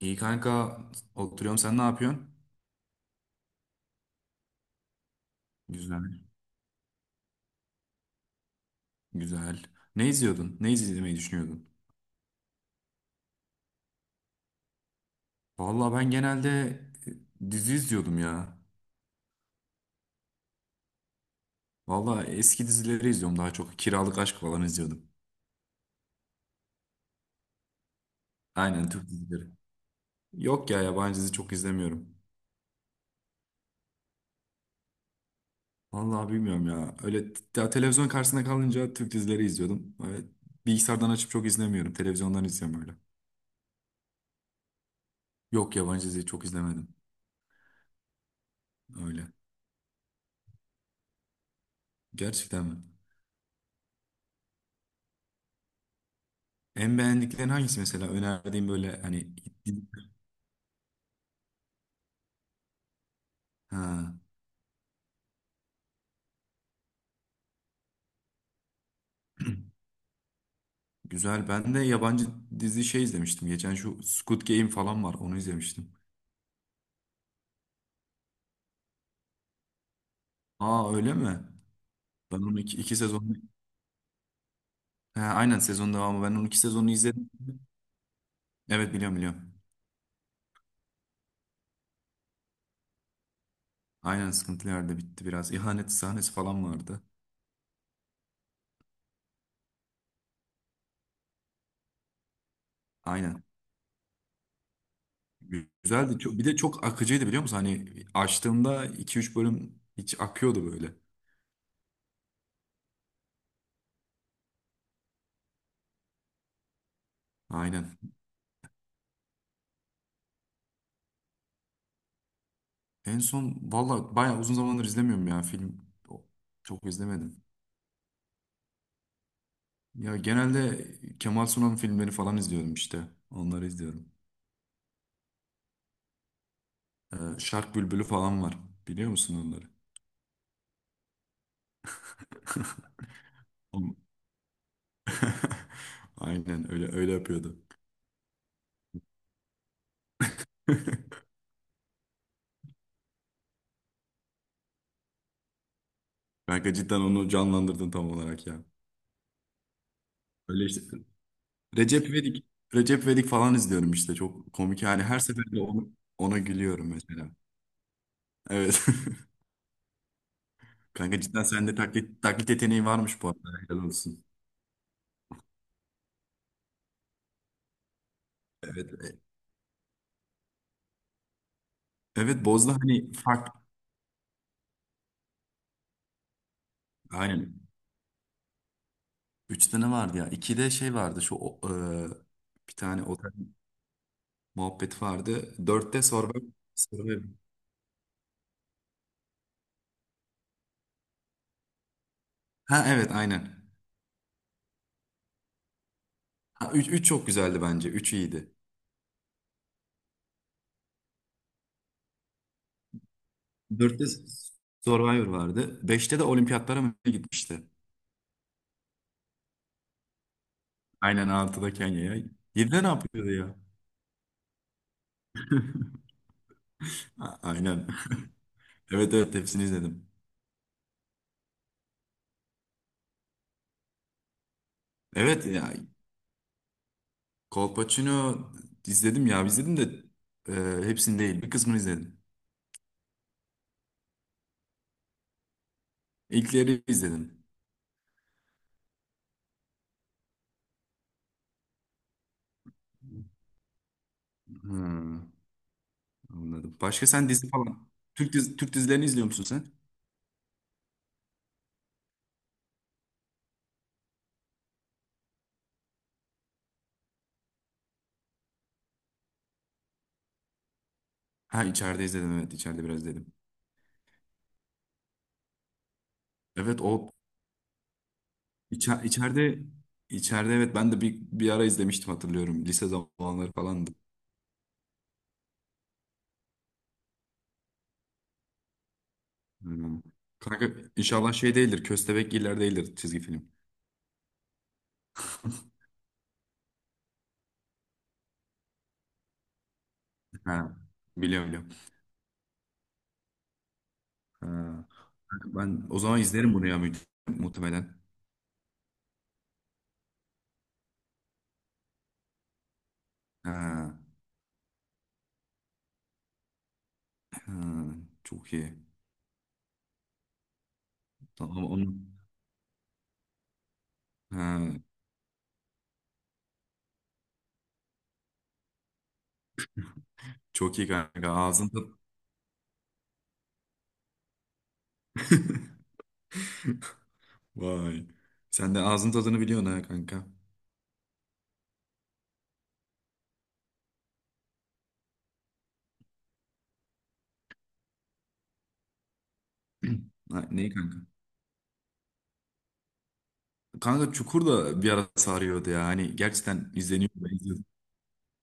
İyi kanka, oturuyorum, sen ne yapıyorsun? Güzel. Güzel. Ne izliyordun? Ne izlemeyi düşünüyordun? Vallahi ben genelde dizi izliyordum ya. Vallahi eski dizileri izliyorum daha çok. Kiralık Aşk falan izliyordum. Aynen, Türk dizileri. Yok ya, yabancı dizi çok izlemiyorum. Vallahi bilmiyorum ya. Öyle ya televizyon karşısında kalınca Türk dizileri izliyordum. Öyle bilgisayardan açıp çok izlemiyorum. Televizyondan izliyorum öyle. Yok, yabancı dizi çok izlemedim. Öyle. Gerçekten mi? En beğendiklerin hangisi mesela? Önerdiğim böyle hani. Ha, güzel. Ben de yabancı dizi şey izlemiştim. Geçen şu Squid Game falan var. Onu izlemiştim. Aa, öyle mi? Ben onu iki sezon. Ha, aynen, sezon devamı. Ben onun iki sezonu izledim. Evet, biliyorum biliyorum. Aynen, sıkıntılı yerde bitti biraz. İhanet sahnesi falan vardı. Aynen. Güzeldi. Çok, bir de çok akıcıydı, biliyor musun? Hani açtığımda iki üç bölüm hiç akıyordu böyle. Aynen. En son valla bayağı uzun zamandır izlemiyorum ya film. O- Çok izlemedim. Ya genelde Kemal Sunal'ın filmleri falan izliyorum işte. Onları izliyorum. Şark Bülbülü falan var. Biliyor musun onları? On- Aynen, öyle öyle yapıyordu. Kanka, cidden onu canlandırdın tam olarak ya. Öyle işte. Recep İvedik, Recep İvedik falan izliyorum işte. Çok komik yani. Her seferinde onu, ona gülüyorum mesela. Evet. Kanka, cidden sende taklit yeteneği varmış bu arada. Helal olsun. Evet. Evet, Boz'da hani fark, aynen. Üç tane vardı ya. İkide şey vardı şu bir tane otel muhabbeti vardı. Dörtte Survivor. Survivor. Ha, evet, aynen. Ha, üç çok güzeldi bence. Üç iyiydi. Dörtte Survivor vardı. Beşte de olimpiyatlara mı ne gitmişti? Aynen, altıda Kenya'ya. Yedide ne yapıyordu ya? Ha, aynen. Evet evet, hepsini izledim. Evet ya, Kolpaçino izledim ya, izledim de e, hepsini değil, bir kısmını izledim. İlkleri izledim. Hmm, anladım. Başka sen dizi falan. Türk dizilerini izliyor musun sen? Ha, içeride izledim, evet, içeride biraz izledim. Evet, o içe- içeride içeride, evet, ben de bir ara izlemiştim, hatırlıyorum. Lise zamanları falandı. Hmm. Kanka, inşallah şey değildir. Köstebek Giller değildir, çizgi film. Ha, biliyorum biliyorum. Ha. Kanka, ben o zaman izlerim bunu ya, muhtemelen. Ha, ha, çok iyi. Tamam onu. Ha, çok iyi kanka. Ağzın tat, vay. Sen de ağzın tadını biliyorsun ha kanka. Ha, neyi kanka? Kanka, Çukur da bir ara sarıyordu ya. Hani gerçekten izleniyor. Ben izliyordum.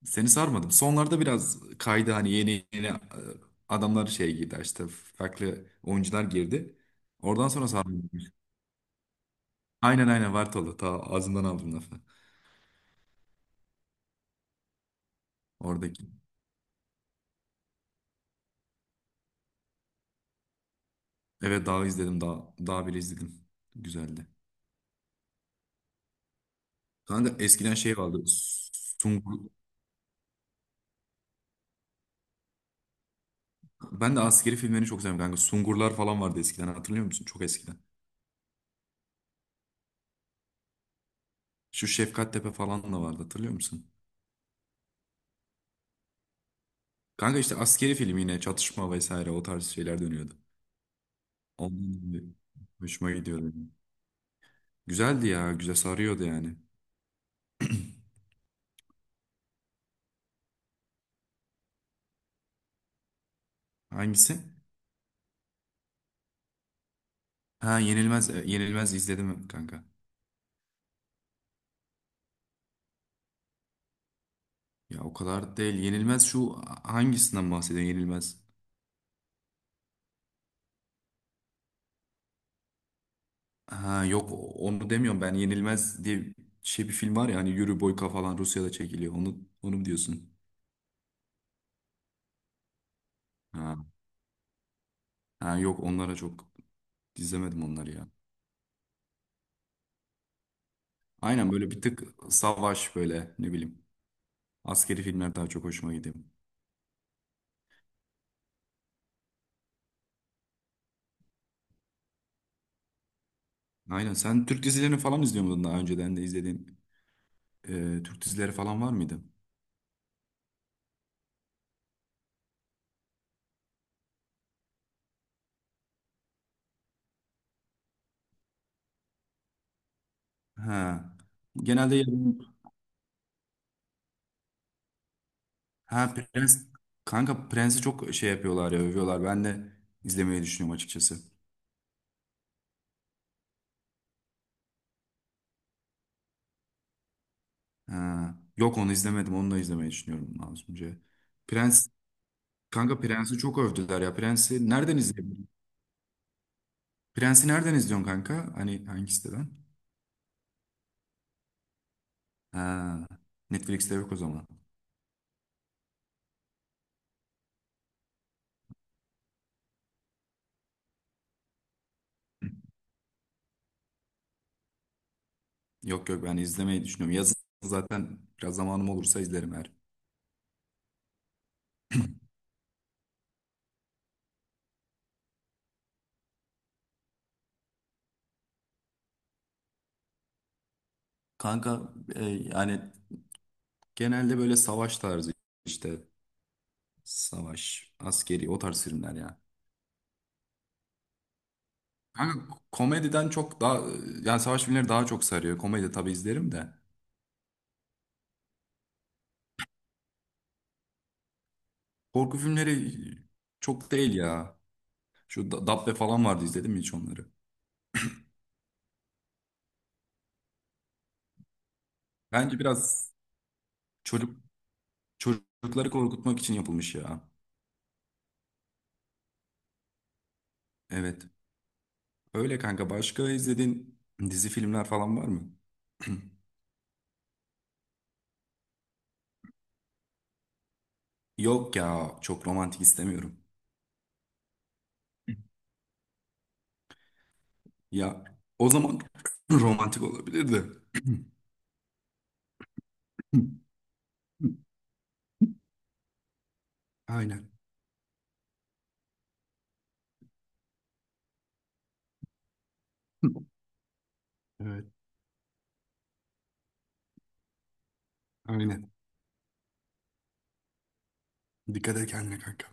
Seni sarmadım. Sonlarda biraz kaydı hani, yeni yeni adamlar şey girdi işte, farklı oyuncular girdi. Oradan sonra sarmadım. Aynen aynen, Vartolu. Ta ağzından aldım lafı. Oradaki. Evet, daha izledim. Daha bile izledim. Güzeldi. Kanka, eskiden şey vardı. Sungur, Ben de askeri filmlerini çok seviyorum kanka. Sungurlar falan vardı eskiden, hatırlıyor musun? Çok eskiden. Şu Şefkattepe falan da vardı, hatırlıyor musun? Kanka, işte askeri film, yine çatışma vesaire o tarz şeyler dönüyordu. Ondan dolayı hoşuma gidiyordu. Güzeldi ya, güzel sarıyordu yani. Hangisi? Ha, Yenilmez, Yenilmez izledim kanka. Ya, o kadar değil. Yenilmez, şu, hangisinden bahsediyorsun Yenilmez? Ha yok, onu demiyorum ben Yenilmez diye, şey, bir film var ya hani, Yuri Boyka falan, Rusya'da çekiliyor. Onu mu diyorsun? Ha. Ha yok, onlara çok izlemedim onları ya. Aynen, böyle bir tık savaş böyle, ne bileyim. Askeri filmler daha çok hoşuma gidiyor. Aynen, sen Türk dizilerini falan izliyor muydun, daha önceden de izlediğin Türk dizileri falan var mıydı? Ha. Genelde ha, Prens, kanka Prens'i çok şey yapıyorlar ya, övüyorlar. Ben de izlemeyi düşünüyorum açıkçası. Ha. Yok, onu izlemedim, onu da izlemeyi düşünüyorum lazımca. Prens, kanka Prens'i çok övdüler ya. Prens'i nereden izleyebilirim? Prens'i nereden izliyorsun kanka? Hani hangi siteden? Ha, Netflix'te yok o zaman. Yok yok, ben izlemeyi düşünüyorum. Yazın zaten biraz zamanım olursa izlerim her. Kanka, yani genelde böyle savaş tarzı işte, savaş, askeri o tarz filmler ya. Kanka, komediden çok daha, yani savaş filmleri daha çok sarıyor. Komedi tabii izlerim de. Korku filmleri çok değil ya. Şu Dabbe falan vardı, izledim mi hiç onları? Bence biraz çocuk çocukları korkutmak için yapılmış ya. Evet. Öyle kanka. Başka izlediğin dizi, filmler falan var mı? Yok ya. Çok romantik istemiyorum. Ya, o zaman romantik olabilirdi. Aynen. Evet. Aynen. Dikkat et kendine kanka.